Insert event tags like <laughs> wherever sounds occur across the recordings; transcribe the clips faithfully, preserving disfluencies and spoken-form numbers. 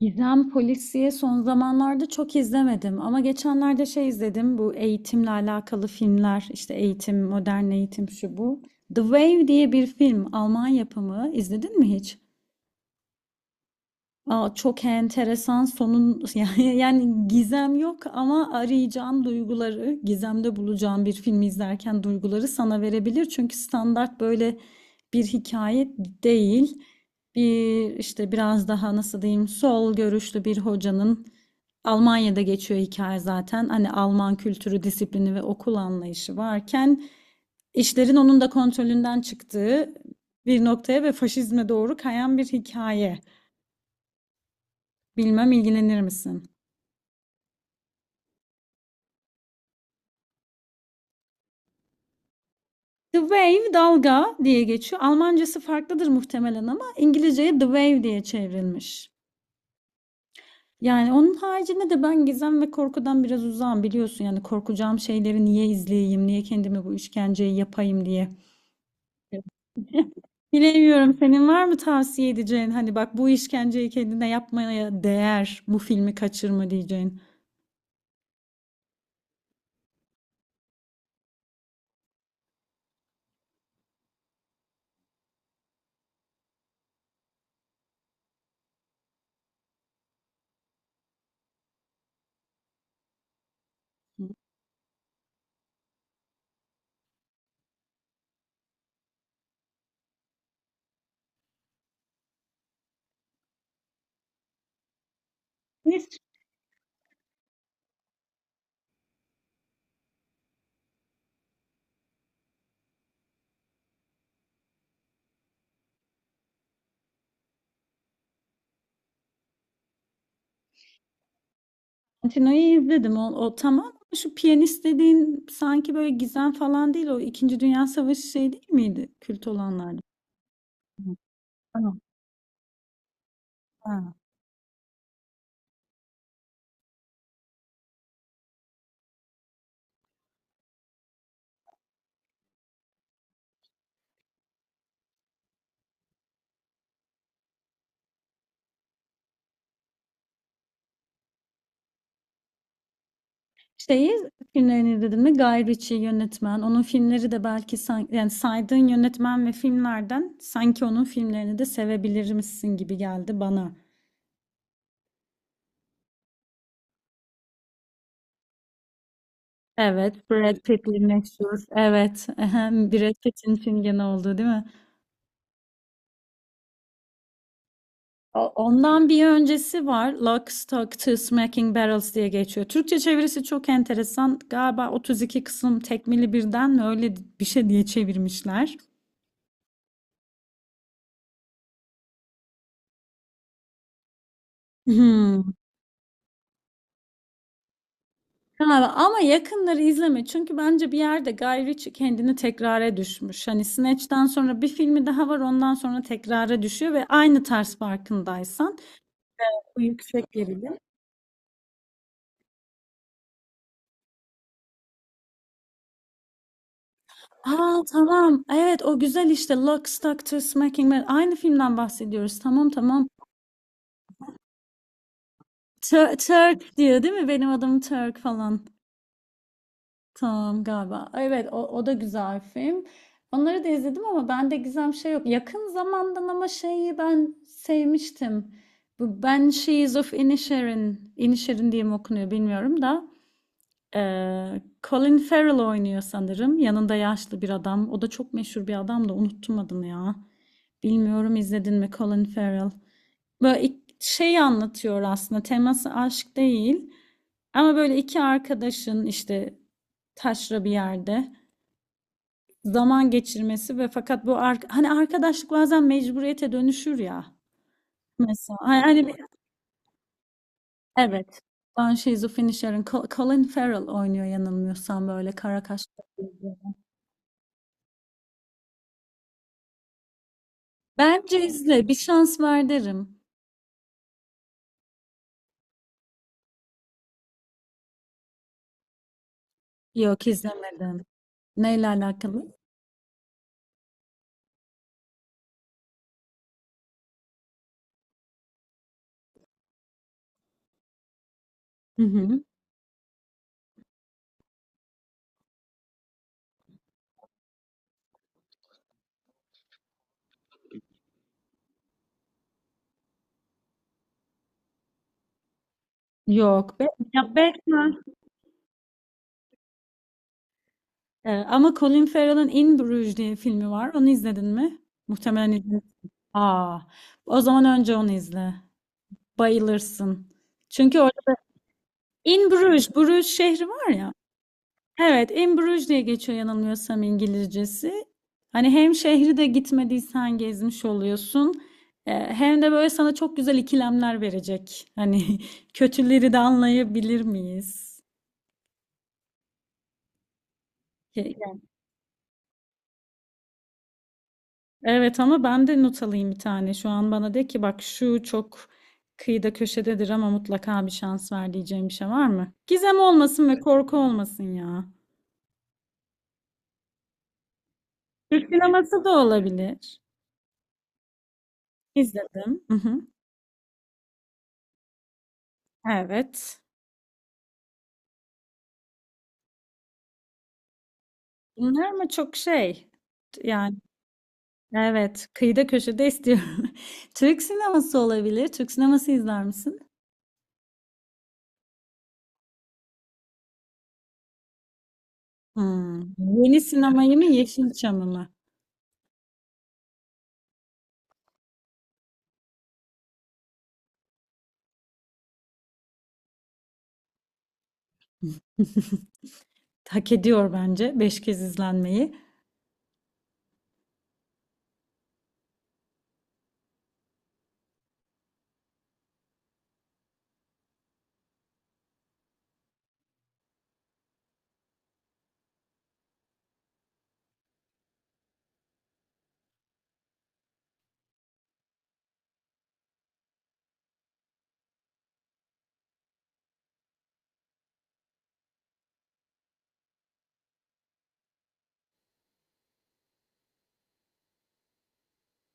Gizem Polisiye son zamanlarda çok izlemedim ama geçenlerde şey izledim bu eğitimle alakalı filmler, işte eğitim, modern eğitim şu bu. The Wave diye bir film, Alman yapımı, izledin mi hiç? Aa, çok enteresan sonun. <laughs> yani, yani gizem yok ama arayacağım duyguları, gizemde bulacağım bir filmi izlerken duyguları sana verebilir. Çünkü standart böyle bir hikaye değil. Bir işte biraz daha nasıl diyeyim, sol görüşlü bir hocanın Almanya'da geçiyor hikaye zaten. Hani Alman kültürü, disiplini ve okul anlayışı varken işlerin onun da kontrolünden çıktığı bir noktaya ve faşizme doğru kayan bir hikaye. Bilmem ilgilenir misin? The Wave, dalga diye geçiyor. Almancası farklıdır muhtemelen ama İngilizceye The Wave diye çevrilmiş. Yani onun haricinde de ben gizem ve korkudan biraz uzağım biliyorsun. Yani korkacağım şeyleri niye izleyeyim, niye kendime bu işkenceyi yapayım diye. Bilemiyorum, senin var mı tavsiye edeceğin hani bak bu işkenceyi kendine yapmaya değer, bu filmi kaçırma diyeceğin. Ne Tino'yu izledim. O, o tamam. Ama şu piyanist dediğin sanki böyle gizem falan değil. O İkinci Dünya Savaşı şey değil miydi? Kült olanlardan. Tamam. Ha. Şeyi filmlerini izledin mi? Guy Ritchie yönetmen. Onun filmleri de belki san- yani saydığın yönetmen ve filmlerden sanki onun filmlerini de sevebilir misin gibi geldi bana. Evet, Brad Pitt'li meşhur. Evet, ehem, Brad Pitt'in film gene oldu değil mi? O- Ondan bir öncesi var. Lock, Stock, Two Smoking Barrels diye geçiyor. Türkçe çevirisi çok enteresan. Galiba otuz iki kısım tekmili birden mi öyle bir şey diye çevirmişler. Hmm. Galiba. Ama yakınları izleme. Çünkü bence bir yerde Guy Ritchie kendini tekrara düşmüş. Hani Snatch'ten sonra bir filmi daha var. Ondan sonra tekrara düşüyor ve aynı tarz farkındaysan. Bu yüksek gerilim. Aa tamam. Evet o güzel işte. Lock, Stock, Two Smoking Barrels. Aynı filmden bahsediyoruz. Tamam, tamam. Tur- Turk diyor değil mi? Benim adım Turk falan. Tamam galiba. Evet o, o da güzel film. Onları da izledim ama bende gizem şey yok. Yakın zamandan ama şeyi ben sevmiştim. Bu Banshees of Inisherin. Inisherin diye mi okunuyor bilmiyorum da. Ee, Colin Farrell oynuyor sanırım. Yanında yaşlı bir adam. O da çok meşhur bir adam da unuttum adını ya. Bilmiyorum izledin mi, Colin Farrell? Böyle ik- şey anlatıyor aslında, teması aşk değil ama böyle iki arkadaşın işte taşra bir yerde zaman geçirmesi ve fakat bu ar- hani arkadaşlık bazen mecburiyete dönüşür ya mesela hani, hani bir- evet ben şizofreni Sharon Co- Colin Farrell oynuyor yanılmıyorsam, böyle kara kaşlı. Bence izle, bir şans ver derim. Yok, izlemedim, neyle alakalı. Hı hı. Yok be, ya Batman. Ee, ama Colin Farrell'ın In Bruges diye filmi var. Onu izledin mi? Muhtemelen izlemişsin. Aa, o zaman önce onu izle. Bayılırsın. Çünkü orada da In Bruges, Bruges şehri var ya. Evet, In Bruges diye geçiyor yanılmıyorsam İngilizcesi. Hani hem şehri de gitmediysen gezmiş oluyorsun. Ee, Hem de böyle sana çok güzel ikilemler verecek. Hani <laughs> kötüleri de anlayabilir miyiz? Evet ama ben de not alayım bir tane. Şu an bana de ki bak şu çok kıyıda köşededir ama mutlaka bir şans ver diyeceğim bir şey var mı? Gizem olmasın ve korku olmasın ya. Türk sineması da olabilir. İzledim. Hı hı. Evet. Bunlar mı çok şey? Yani evet, kıyıda köşede istiyorum. <laughs> Türk sineması olabilir. Türk sineması izler misin? Hmm. Yeni sinemayı mı Yeşilçam'ı mı? Hak ediyor bence. Beş kez izlenmeyi.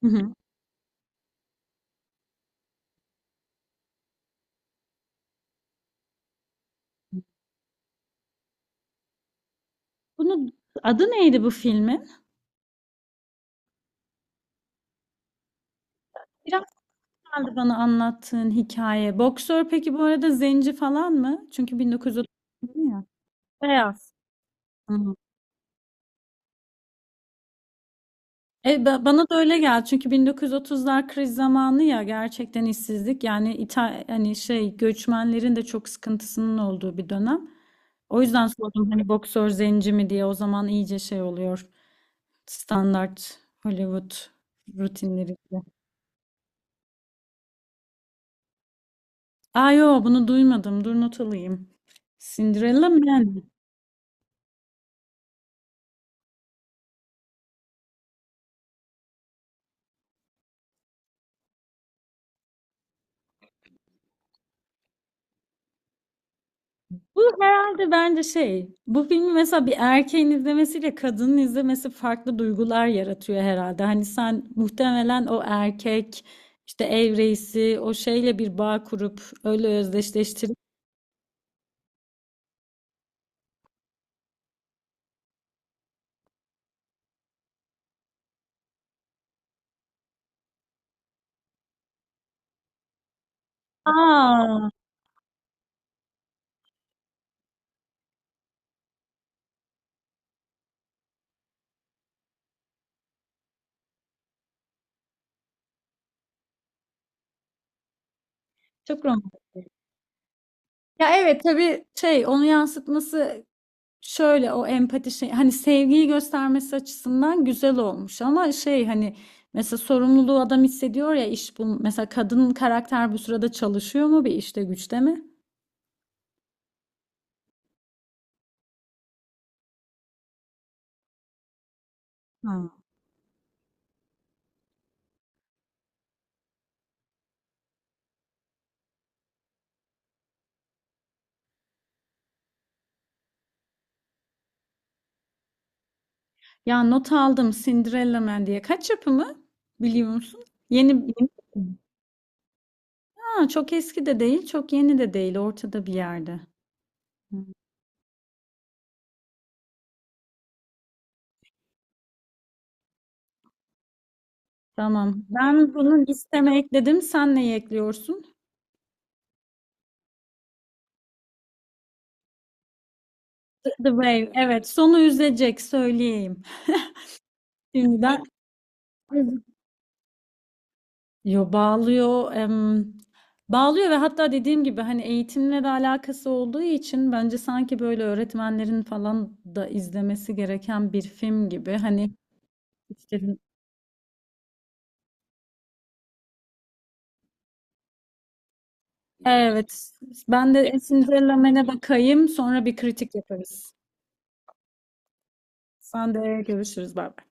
<laughs> Bunun adı neydi, bu filmin? Biraz kaldı bana anlattığın hikaye. Boksör peki bu arada zenci falan mı? Çünkü bin dokuz yüz otuz ya. Beyaz. Hı hı. E, ba- bana da öyle geldi. Çünkü bin dokuz yüz otuzlar kriz zamanı ya, gerçekten işsizlik. Yani İta hani şey göçmenlerin de çok sıkıntısının olduğu bir dönem. O yüzden sordum hani boksör zenci mi diye. O zaman iyice şey oluyor. Standart Hollywood rutinleri. Aa yo, bunu duymadım. Dur, not alayım. Cinderella Man. Bu herhalde bence şey. Bu filmi mesela bir erkeğin izlemesiyle kadının izlemesi farklı duygular yaratıyor herhalde. Hani sen muhtemelen o erkek işte ev reisi, o şeyle bir bağ kurup öyle özdeşleştirip. Aa çok romantik. Ya evet, tabii şey onu yansıtması. Şöyle o empati şey, hani sevgiyi göstermesi açısından güzel olmuş ama şey hani mesela sorumluluğu adam hissediyor ya, iş bu mesela kadın karakter bu sırada çalışıyor mu bir işte güçte mi? Ha. Ya not aldım, Cinderella Man diye, kaç yapımı biliyor musun? Yeni yeni. Ha, çok eski de değil çok yeni de değil, ortada bir yerde. Hmm. Tamam. Ben bunu listeme ekledim. Sen neyi ekliyorsun? The, The Wave. Evet, sonu üzecek söyleyeyim. Şimdiden. Yo bağlıyor, em, bağlıyor ve hatta dediğim gibi hani eğitimle de alakası olduğu için bence sanki böyle öğretmenlerin falan da izlemesi gereken bir film gibi. Hani işte- evet ben de Cinderella Man'e bakayım, sonra bir kritik yaparız. Sen de, görüşürüz, bay bay.